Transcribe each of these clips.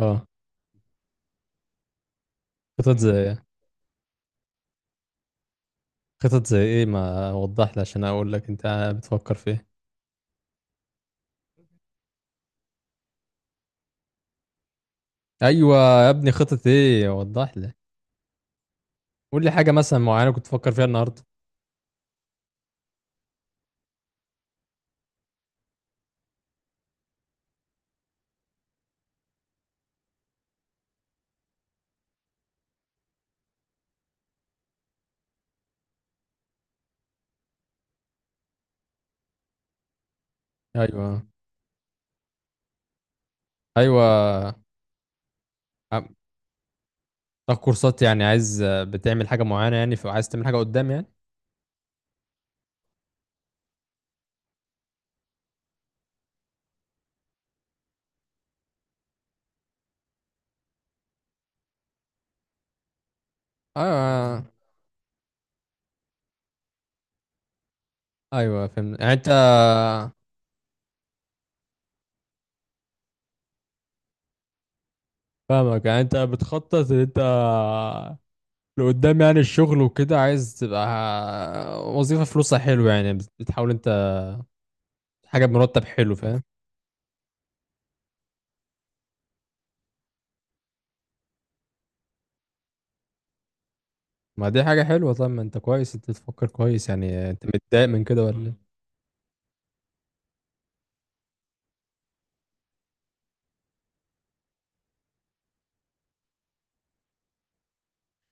اه. خطط زي ايه خطط زي ايه، ما وضح لي عشان اقول لك، انت بتفكر في ايه؟ ايوه يا ابني، خطط ايه؟ وضح لي. قول لي حاجه مثلا معينه كنت بتفكر فيها النهارده. ايوه، ايوه. عم- تاخد كورسات، يعني عايز بتعمل حاجه معينه يعني، فعايز تعمل حاجه قدام يعني. ايوه. ايوه فهمت، يعني انت فاهمك، يعني انت بتخطط ان انت لقدام، يعني الشغل وكده عايز تبقى وظيفه فلوسها حلو يعني، بتحاول انت حاجه بمرتب حلو، فاهم. ما دي حاجة حلوة. طب ما انت كويس، انت تفكر كويس يعني. انت متضايق من كده ولا ايه؟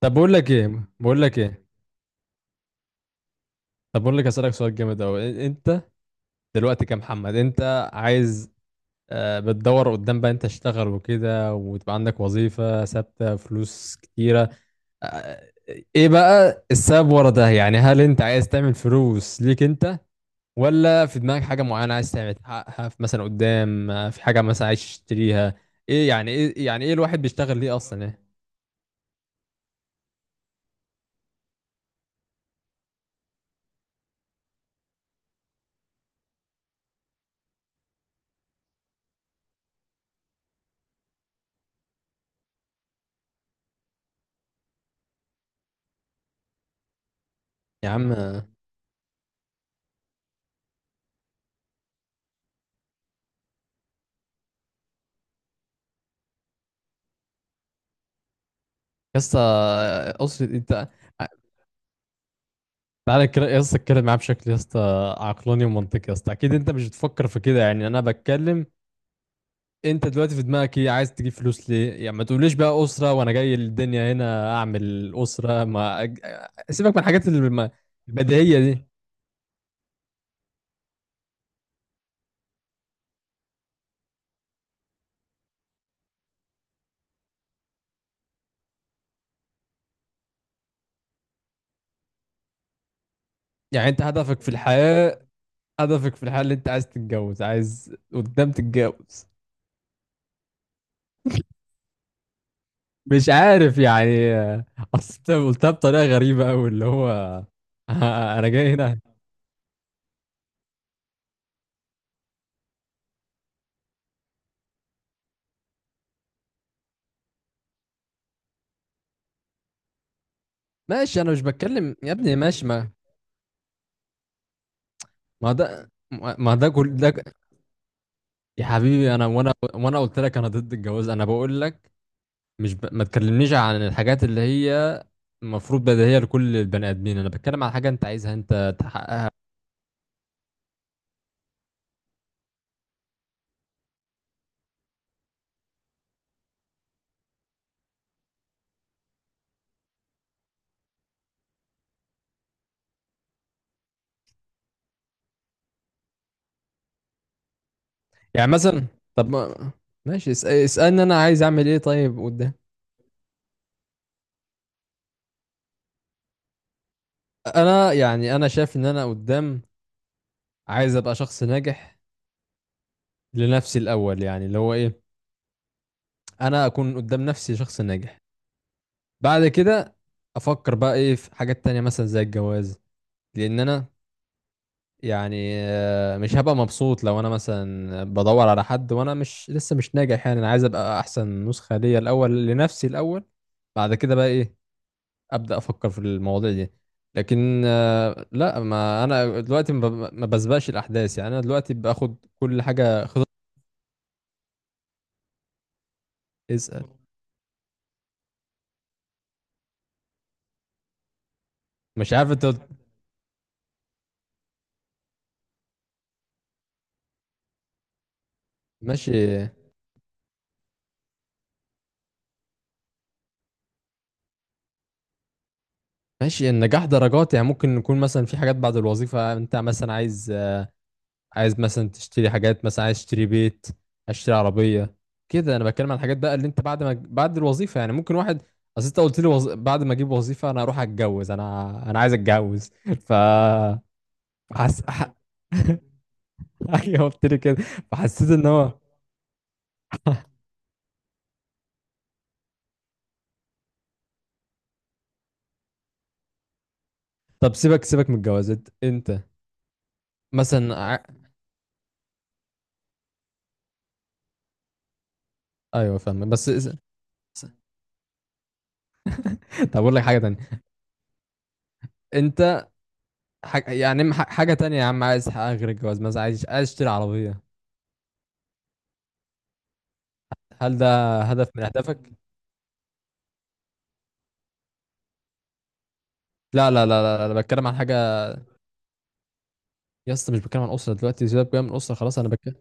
طب بقول لك ايه بقول لك ايه، طب بقول لك اسألك سؤال جامد اوي. انت دلوقتي كمحمد، انت عايز بتدور قدام، بقى انت تشتغل وكده وتبقى عندك وظيفة ثابتة، فلوس كتيرة. آه، آه، ايه بقى السبب ورا ده؟ يعني هل انت عايز تعمل فلوس ليك انت، ولا في دماغك حاجة معينة عايز تعمل تحققها في مثلا قدام، في حاجة مثلا عايز تشتريها؟ ايه يعني، ايه يعني، ايه الواحد بيشتغل ليه اصلا، ايه؟ يا عم، يا اسطى، اقصد انت، تعالى كده يا اسطى، اتكلم معاه بشكل يا اسطى عقلاني ومنطقي يا اسطى. اكيد انت مش بتفكر في كده، يعني انا بتكلم انت دلوقتي في دماغك ايه. عايز تجيب فلوس ليه؟ يعني ما تقوليش بقى اسره وانا جاي للدنيا هنا اعمل اسره، ما أج... سيبك من الحاجات اللي ما- البديهيه دي. يعني انت هدفك في الحياه، اللي انت عايز تتجوز؟ عايز قدام تتجوز؟ مش عارف يعني، اصل انت قلتها بطريقه غريبه قوي اللي هو انا جاي هنا. ماشي، انا مش بتكلم يا ابني، ماشي. ما ده ما ده كل ده يا حبيبي، انا وانا وانا قلت لك انا ضد الجواز. انا بقول لك مش ب... ما تكلمنيش عن الحاجات اللي هي المفروض بديهية لكل البني ادمين. انا بتكلم عن حاجة انت عايزها انت تحققها. يعني مثلا، طب ما... ماشي، اسألني انا عايز اعمل ايه طيب قدام. انا شايف ان انا قدام عايز ابقى شخص ناجح لنفسي الاول، يعني اللي هو ايه، انا اكون قدام نفسي شخص ناجح. بعد كده افكر بقى ايه في حاجات تانية مثلا زي الجواز. لان انا يعني مش هبقى مبسوط لو انا مثلا بدور على حد وانا مش لسه مش ناجح. يعني انا عايز ابقى احسن نسخة ليا الاول، لنفسي الاول. بعد كده بقى ايه ابدا افكر في المواضيع دي. لكن لا، ما انا دلوقتي ما بسبقش الاحداث، يعني انا دلوقتي باخد كل حاجة خطوة. اسال. مش عارف، ماشي. ماشي، النجاح درجات يعني. ممكن يكون مثلا في حاجات بعد الوظيفة، انت مثلا عايز، عايز مثلا تشتري حاجات، مثلا عايز تشتري بيت، عايز تشتري عربية. كده انا بتكلم عن الحاجات بقى اللي انت بعد ما بعد الوظيفة، يعني ممكن واحد. اصل انت قلت لي بعد ما اجيب وظيفة انا اروح اتجوز، انا عايز اتجوز ف حس... ح... ايوه، قلت لي كده. فحسيت ان هو، طب سيبك من الجوازات. انت مثلا ع... ايوه فاهم، بس طب اقول لك حاجة تانية. انت حاجة تانية يا عم عايز تحققها غير الجواز، مثلا عايز تشتري عربية. هل ده هدف من اهدافك؟ لا، لا، لا، لا، لا. أنا بتكلم عن حاجة يا اسطى، مش بتكلم عن اسره دلوقتي. سيبك بقى من اسره، خلاص. انا بتكلم.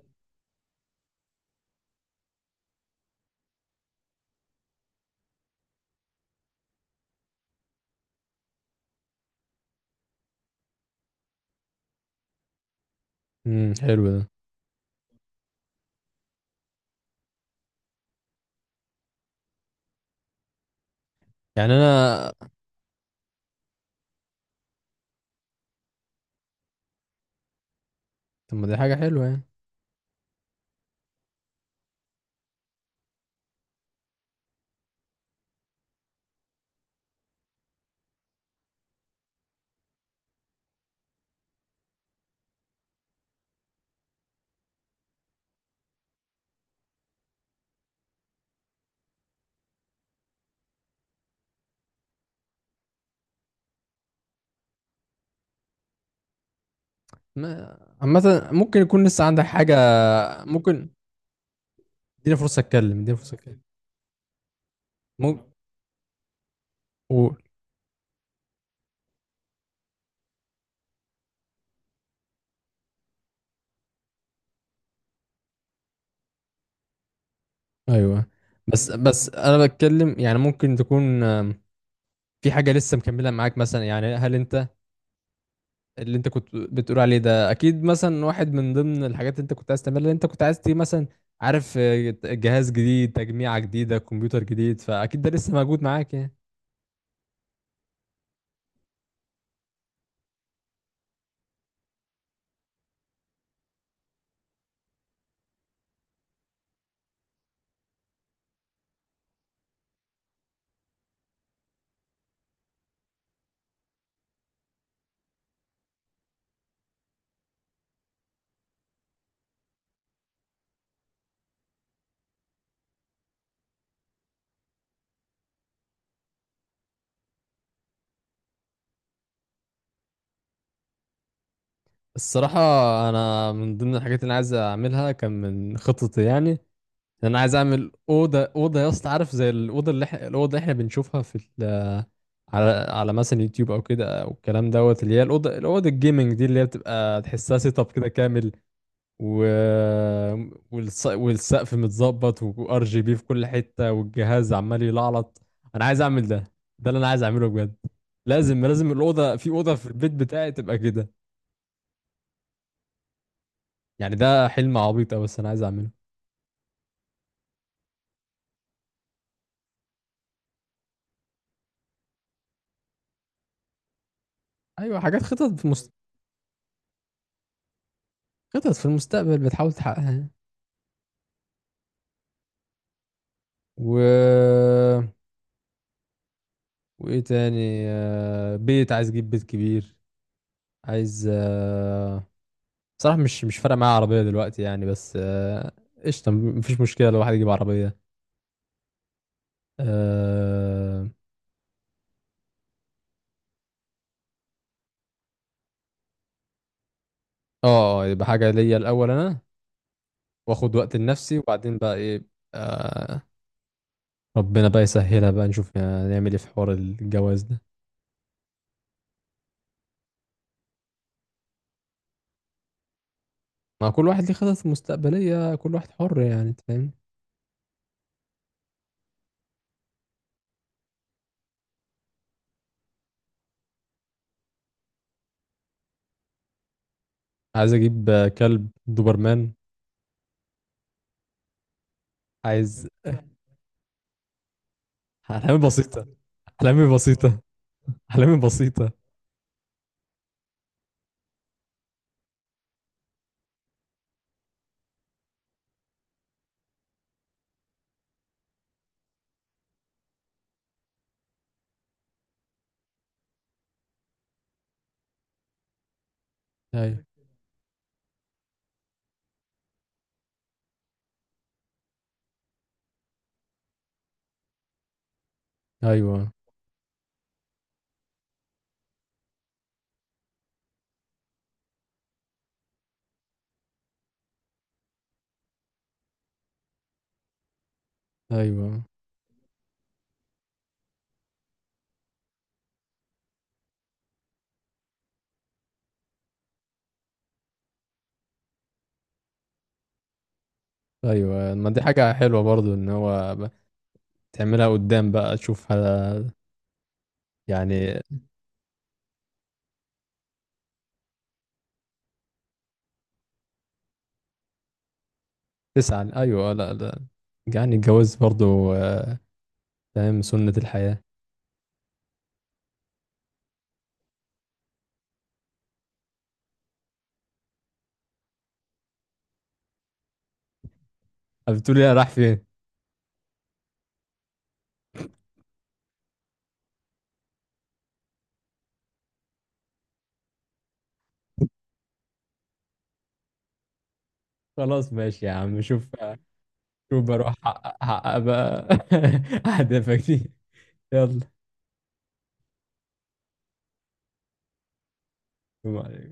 امم، حلو ده. يعني انا، طب ما دي حاجه حلوه يعني. ما... عامه ممكن يكون لسه عندك حاجه. ممكن، اديني فرصه اتكلم، اديني فرصه اتكلم. ممكن. قول. ايوه، بس انا بتكلم يعني، ممكن تكون في حاجه لسه مكمله معاك مثلا. يعني هل انت اللي انت كنت بتقول عليه ده اكيد مثلا واحد من ضمن الحاجات اللي انت كنت عايز تعملها، اللي انت كنت عايز تيجي مثلا. عارف، جهاز جديد، تجميعه جديده، كمبيوتر جديد، فاكيد ده لسه موجود معاك يعني. الصراحة، أنا من ضمن الحاجات اللي أنا عايز أعملها كان من خططي، يعني إن أنا عايز أعمل أوضة. يا اسطى، عارف زي الأوضة اللي إحنا، بنشوفها على مثلا يوتيوب أو كده، أو الكلام دوت، اللي هي الأوضة الجيمنج دي، اللي هي بتبقى تحسها سيت أب كده كامل. و... والسقف متظبط، وار جي بي في كل حتة، والجهاز عمال يلعلط. أنا عايز أعمل ده. ده اللي أنا عايز أعمله بجد. لازم الأوضة في، أوضة في البيت بتاعي تبقى كده. يعني ده حلم عبيط أوي، بس أنا عايز أعمله. ايوه، حاجات، خطط في المستقبل بتحاول تحققها. و وايه تاني، بيت، عايز اجيب بيت كبير. عايز، صراحة مش فارقة معايا عربية دلوقتي يعني، بس قشطة، مفيش مشكلة لو واحد يجيب عربية. اه. يبقى حاجة ليا الأول، أنا واخد وقت لنفسي، وبعدين بقى ايه، آه، ربنا بقى يسهلها، بقى نشوف يعني نعمل ايه في حوار الجواز ده. مع كل واحد ليه خطط مستقبلية، كل واحد حر يعني، أنت فاهم. عايز اجيب كلب دوبرمان. عايز. احلامي بسيطة. احلامي بسيطة. احلامي بسيطة. ايوه، ايوه، ايوه، ايوه، ما دي حاجة حلوة برضو، ان هو تعملها قدام بقى تشوفها يعني. تسعى، ايوه. لا، لا. يعني الجواز برضو فاهم، سنة الحياة. طب بتقولي انا راح فين؟ خلاص ماشي يا عم، شوف. شوف بروح، أحقق بقى اهدافك دي. يلا.